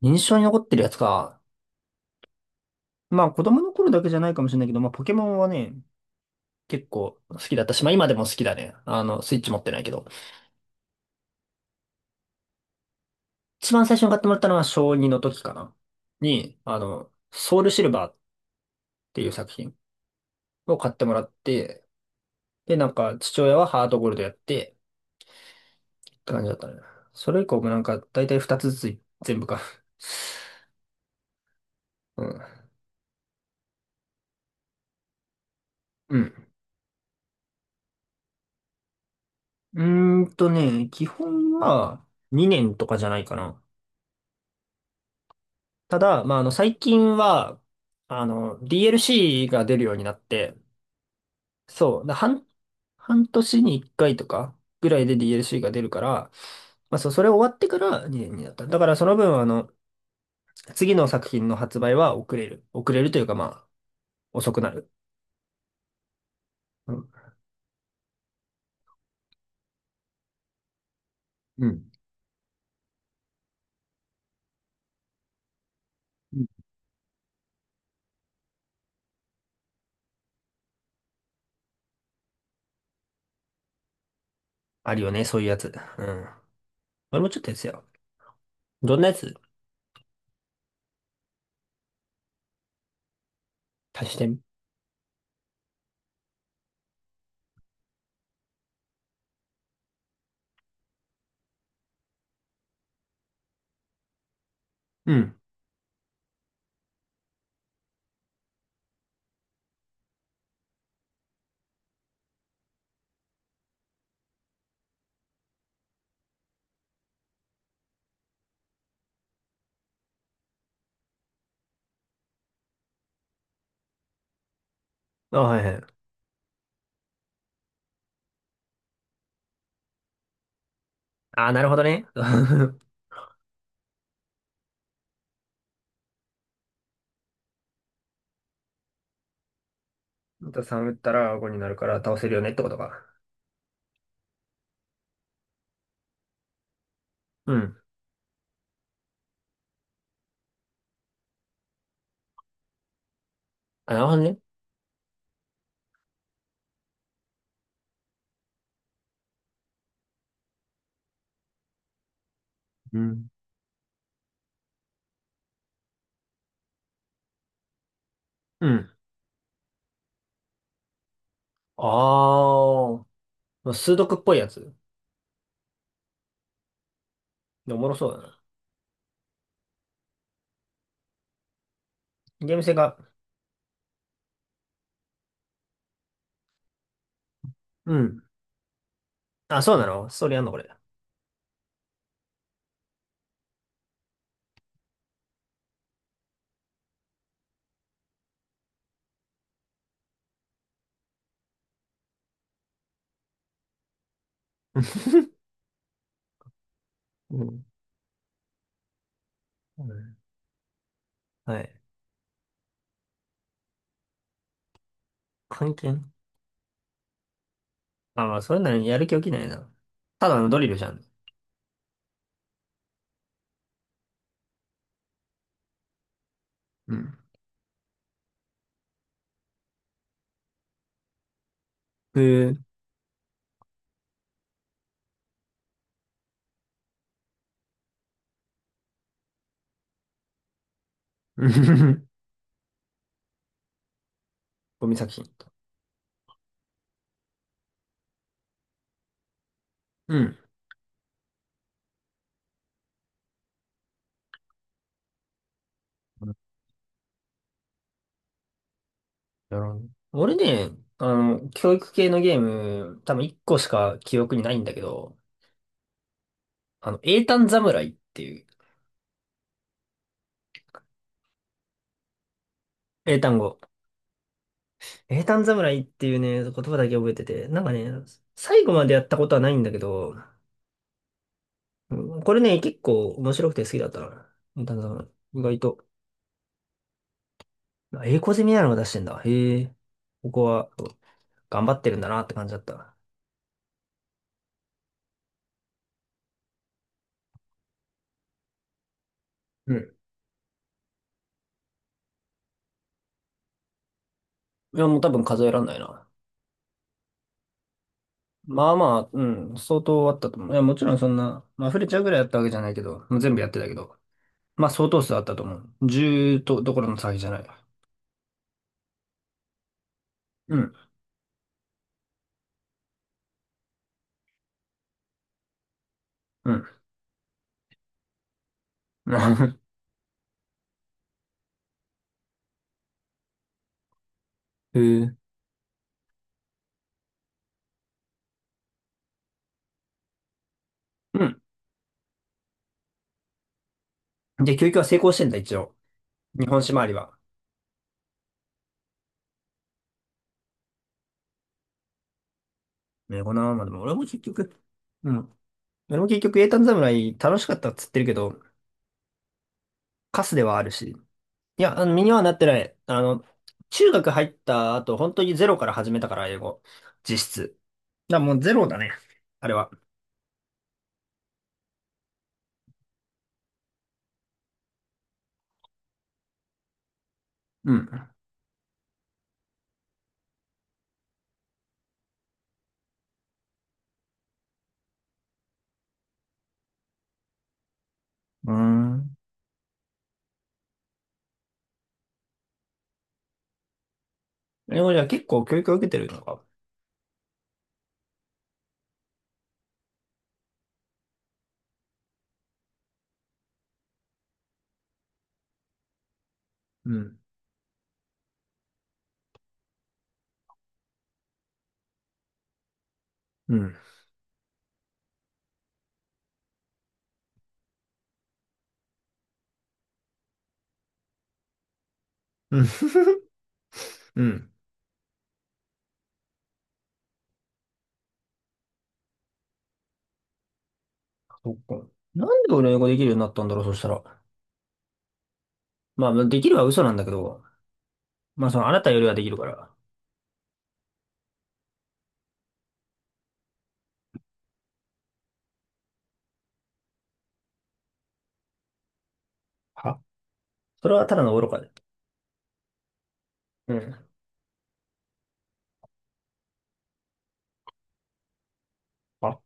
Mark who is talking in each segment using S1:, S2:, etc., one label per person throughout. S1: 印象に残ってるやつか。まあ子供の頃だけじゃないかもしれないけど、まあポケモンはね、結構好きだったし、まあ今でも好きだね。スイッチ持ってないけど。一番最初に買ってもらったのは小2の時かな。に、あの、ソウルシルバーっていう作品を買ってもらって、で、なんか父親はハートゴールドやってって感じだったね。それ以降もなんか大体2つずつ全部か。うん。うん。基本は2年とかじゃないかな。ただ、まあ、最近は、DLC が出るようになって、そう、半年に1回とかぐらいで DLC が出るから、まあ、そう、それ終わってから2になった。だからその分、次の作品の発売は遅れる。遅れるというか、まあ、遅くなる。うん。うんうん。あるよね、そういうやつ。うん。俺もちょっとやつよ。どんなやつ足してみうん。あ、はいはい。ああ、なるほどね。また3打ったら5になるから倒せるよねってことか。うん。あ、なるほどね。うん。うん。ああ、数独っぽいやつ。でおもろそうだな。ゲーム性が。うん。あ、そうなの、ストーリーあんのこれ？うん。うん、はい。関係あ、まあ、そういうのにやる気起きないな。ただのドリルじゃん。うん。へえ。ゴミ作品と。うん。やろうね俺ね、教育系のゲーム、多分1個しか記憶にないんだけど、英単侍っていう、英単語。英単侍っていうね、言葉だけ覚えてて、なんかね、最後までやったことはないんだけど、うん、これね、結構面白くて好きだったな。英単侍。意外と。あ、英語攻めなのが出してんだ。へえ。ここは頑張ってるんだなって感じだった。うん。いや、もう多分数えらんないな。まあまあ、うん、相当あったと思う。いや、もちろんそんな、まあ、溢れちゃうぐらいやったわけじゃないけど、もう全部やってたけど。まあ相当数あったと思う。10とどころの騒ぎじゃない。うん、うん。へえ。うん。で、教育は成功してんだ、一応。日本酒周りは。ね、このままでも、俺も結局、うん。俺も結局、英単侍楽しかったっつってるけど、カスではあるし。いや、身にはなってない。中学入った後、本当にゼロから始めたから、英語。実質。だからもうゼロだね。あれは。うん。うーん。英語じゃ結構教育を受けてるのか。うん。うん。うん。うん。そっか。なんで俺英語できるようになったんだろう、そしたら。まあ、できるは嘘なんだけど、まあ、その、あなたよりはできるから。は、それはただの愚かで。うん。あ、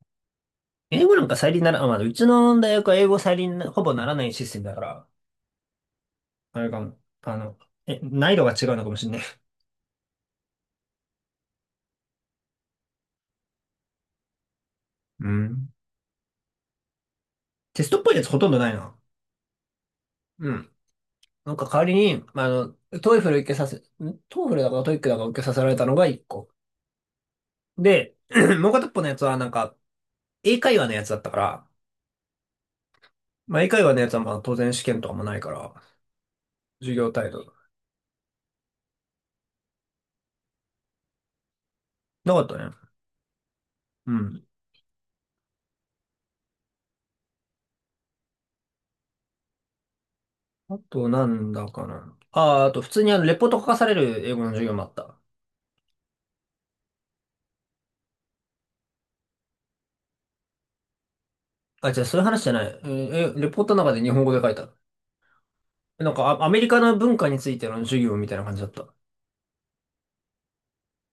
S1: 英語なんか再利になら、あ、まあ、うちの大学は英語再利になほぼならないシステムだから、あれかも、難易度が違うのかもしれない。うん。テストっぽいやつほとんどないな。うん。なんか代わりに、まあの、トイフル受けさせ、んトイフルだかトイックだか受けさせられたのが1個。で、もう片っぽのやつはなんか、英会話のやつだったから、まあ、英会話のやつはまあ当然試験とかもないから、授業態度。なかったね。うん。あとなんだかな。ああ、あと普通にレポート書かされる英語の授業もあった。あ、じゃあそういう話じゃない。えーえレポートの中で日本語で書いた。なんか、アメリカの文化についての授業みたいな感じだった。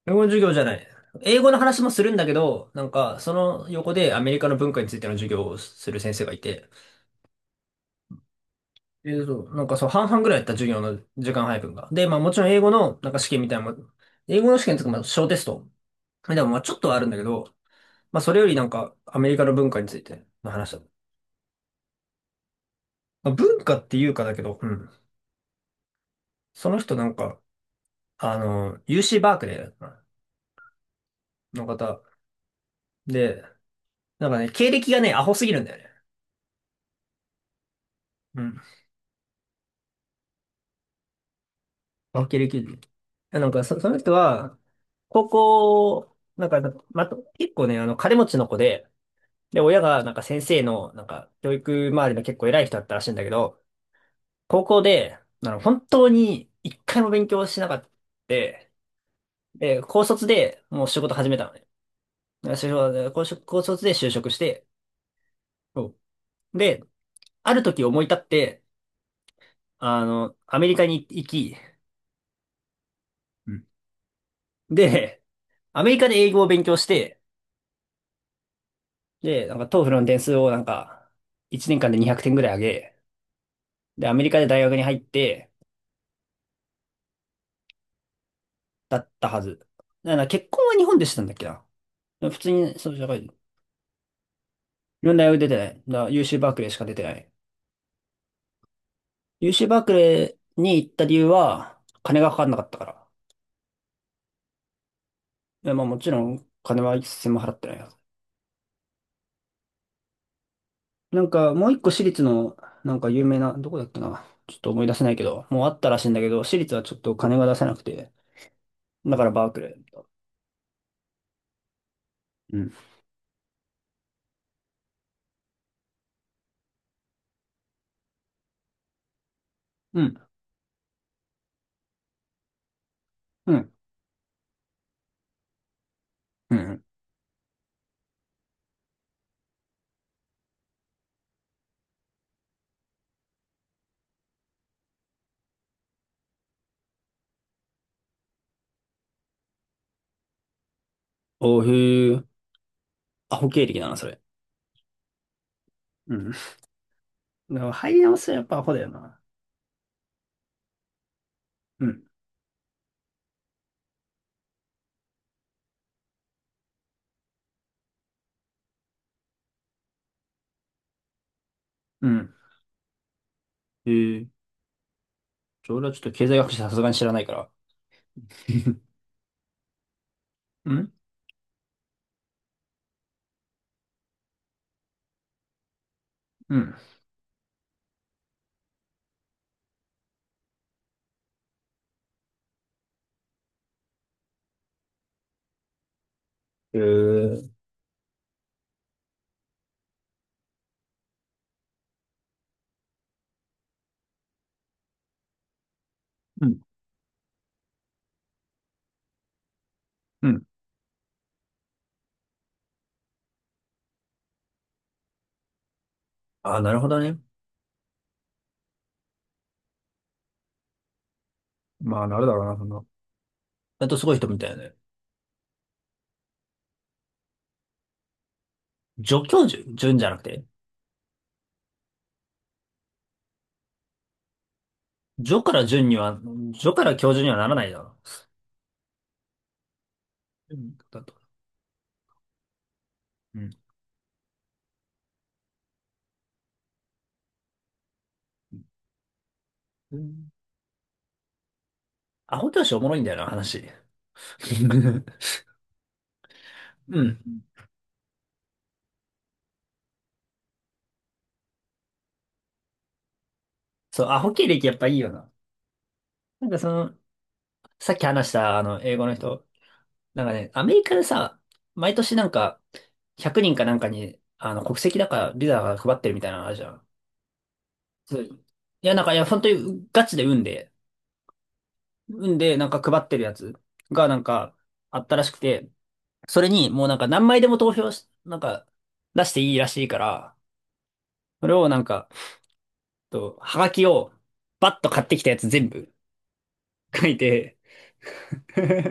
S1: 英語の授業じゃない。英語の話もするんだけど、なんか、その横でアメリカの文化についての授業をする先生がいて、なんかそう、半々ぐらいやった授業の時間配分が。で、まあもちろん英語のなんか試験みたいなのも、英語の試験とかまあ小テスト。でもまあちょっとはあるんだけど、まあそれよりなんかアメリカの文化についての話だ。まあ文化っていうかだけど、うん。その人なんか、UC バークレーだったなの方。で、なんかね、経歴がね、アホすぎるんだよね。うん。あ、経歴で。その人は、高校、なんか、ま、結構ね、金持ちの子で、で、親が、なんか先生の、なんか、教育周りの結構偉い人だったらしいんだけど、高校で、本当に一回も勉強しなかった。で、高卒でもう仕事始めたのね。高卒高卒で就職して、そうで、ある時思い立って、アメリカに行き、で、アメリカで英語を勉強して、で、なんかト o フルの点数をなんか、1年間で200点ぐらい上げ、で、アメリカで大学に入って、だったはず。だから結婚は日本でしたんだっけな。普通に、そう、社会人、いろんな大学出てない。だから UC バークレーしか出てない。UC バークレーに行った理由は、金がかかんなかったから。いや、まあもちろん、金は一銭も払ってないよ。なんか、もう一個私立の、なんか有名な、どこだっけな。ちょっと思い出せないけど、もうあったらしいんだけど、私立はちょっと金が出せなくて、だからバークレーみたいな。うん。うん。うん。うん。おー、へー。アホ経歴だな、それ。うん。でも入り直すはやっぱアホだよな。うん。うん。へー。俺はちょっと経済学者さすがに知らないから。うん。うん。へー。うん。うん。ああ、なるほどね。まあ、なるだろうな、そんな。あとすごい人みたいだよね。助教授、順じゃなくて。助から順には、助から教授にはならないだろう。うんだと。うん。うん、アホ教師おもろいんだよな、話。うん。そう、アホ経歴やっぱいいよな。なんかその、さっき話した英語の人、なんかね、アメリカでさ、毎年なんか、100人かなんかに、国籍だからビザが配ってるみたいなのあるじゃん。そういや、なんか、いや、本当にガチで運で、運でなんか配ってるやつがなんか、あったらしくて、それにもうなんか何枚でも投票し、なんか、出していいらしいから、それをなんか、と、はがきを、バッと買ってきたやつ全部書いて、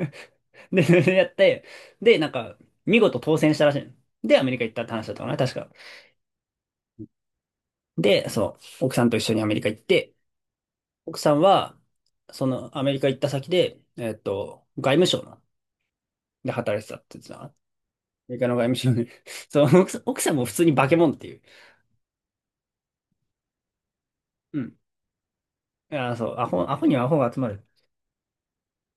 S1: で、それやって、で、なんか、見事当選したらしいの。で、アメリカ行ったって話だったかな、確か。で、そう、奥さんと一緒にアメリカ行って、奥さんは、そのアメリカ行った先で、外務省ので働いてたって言ってた、アメリカの外務省に。そう、奥さんも普通に化け物っていう。うん。あ、そう、アホにはアホが集まる。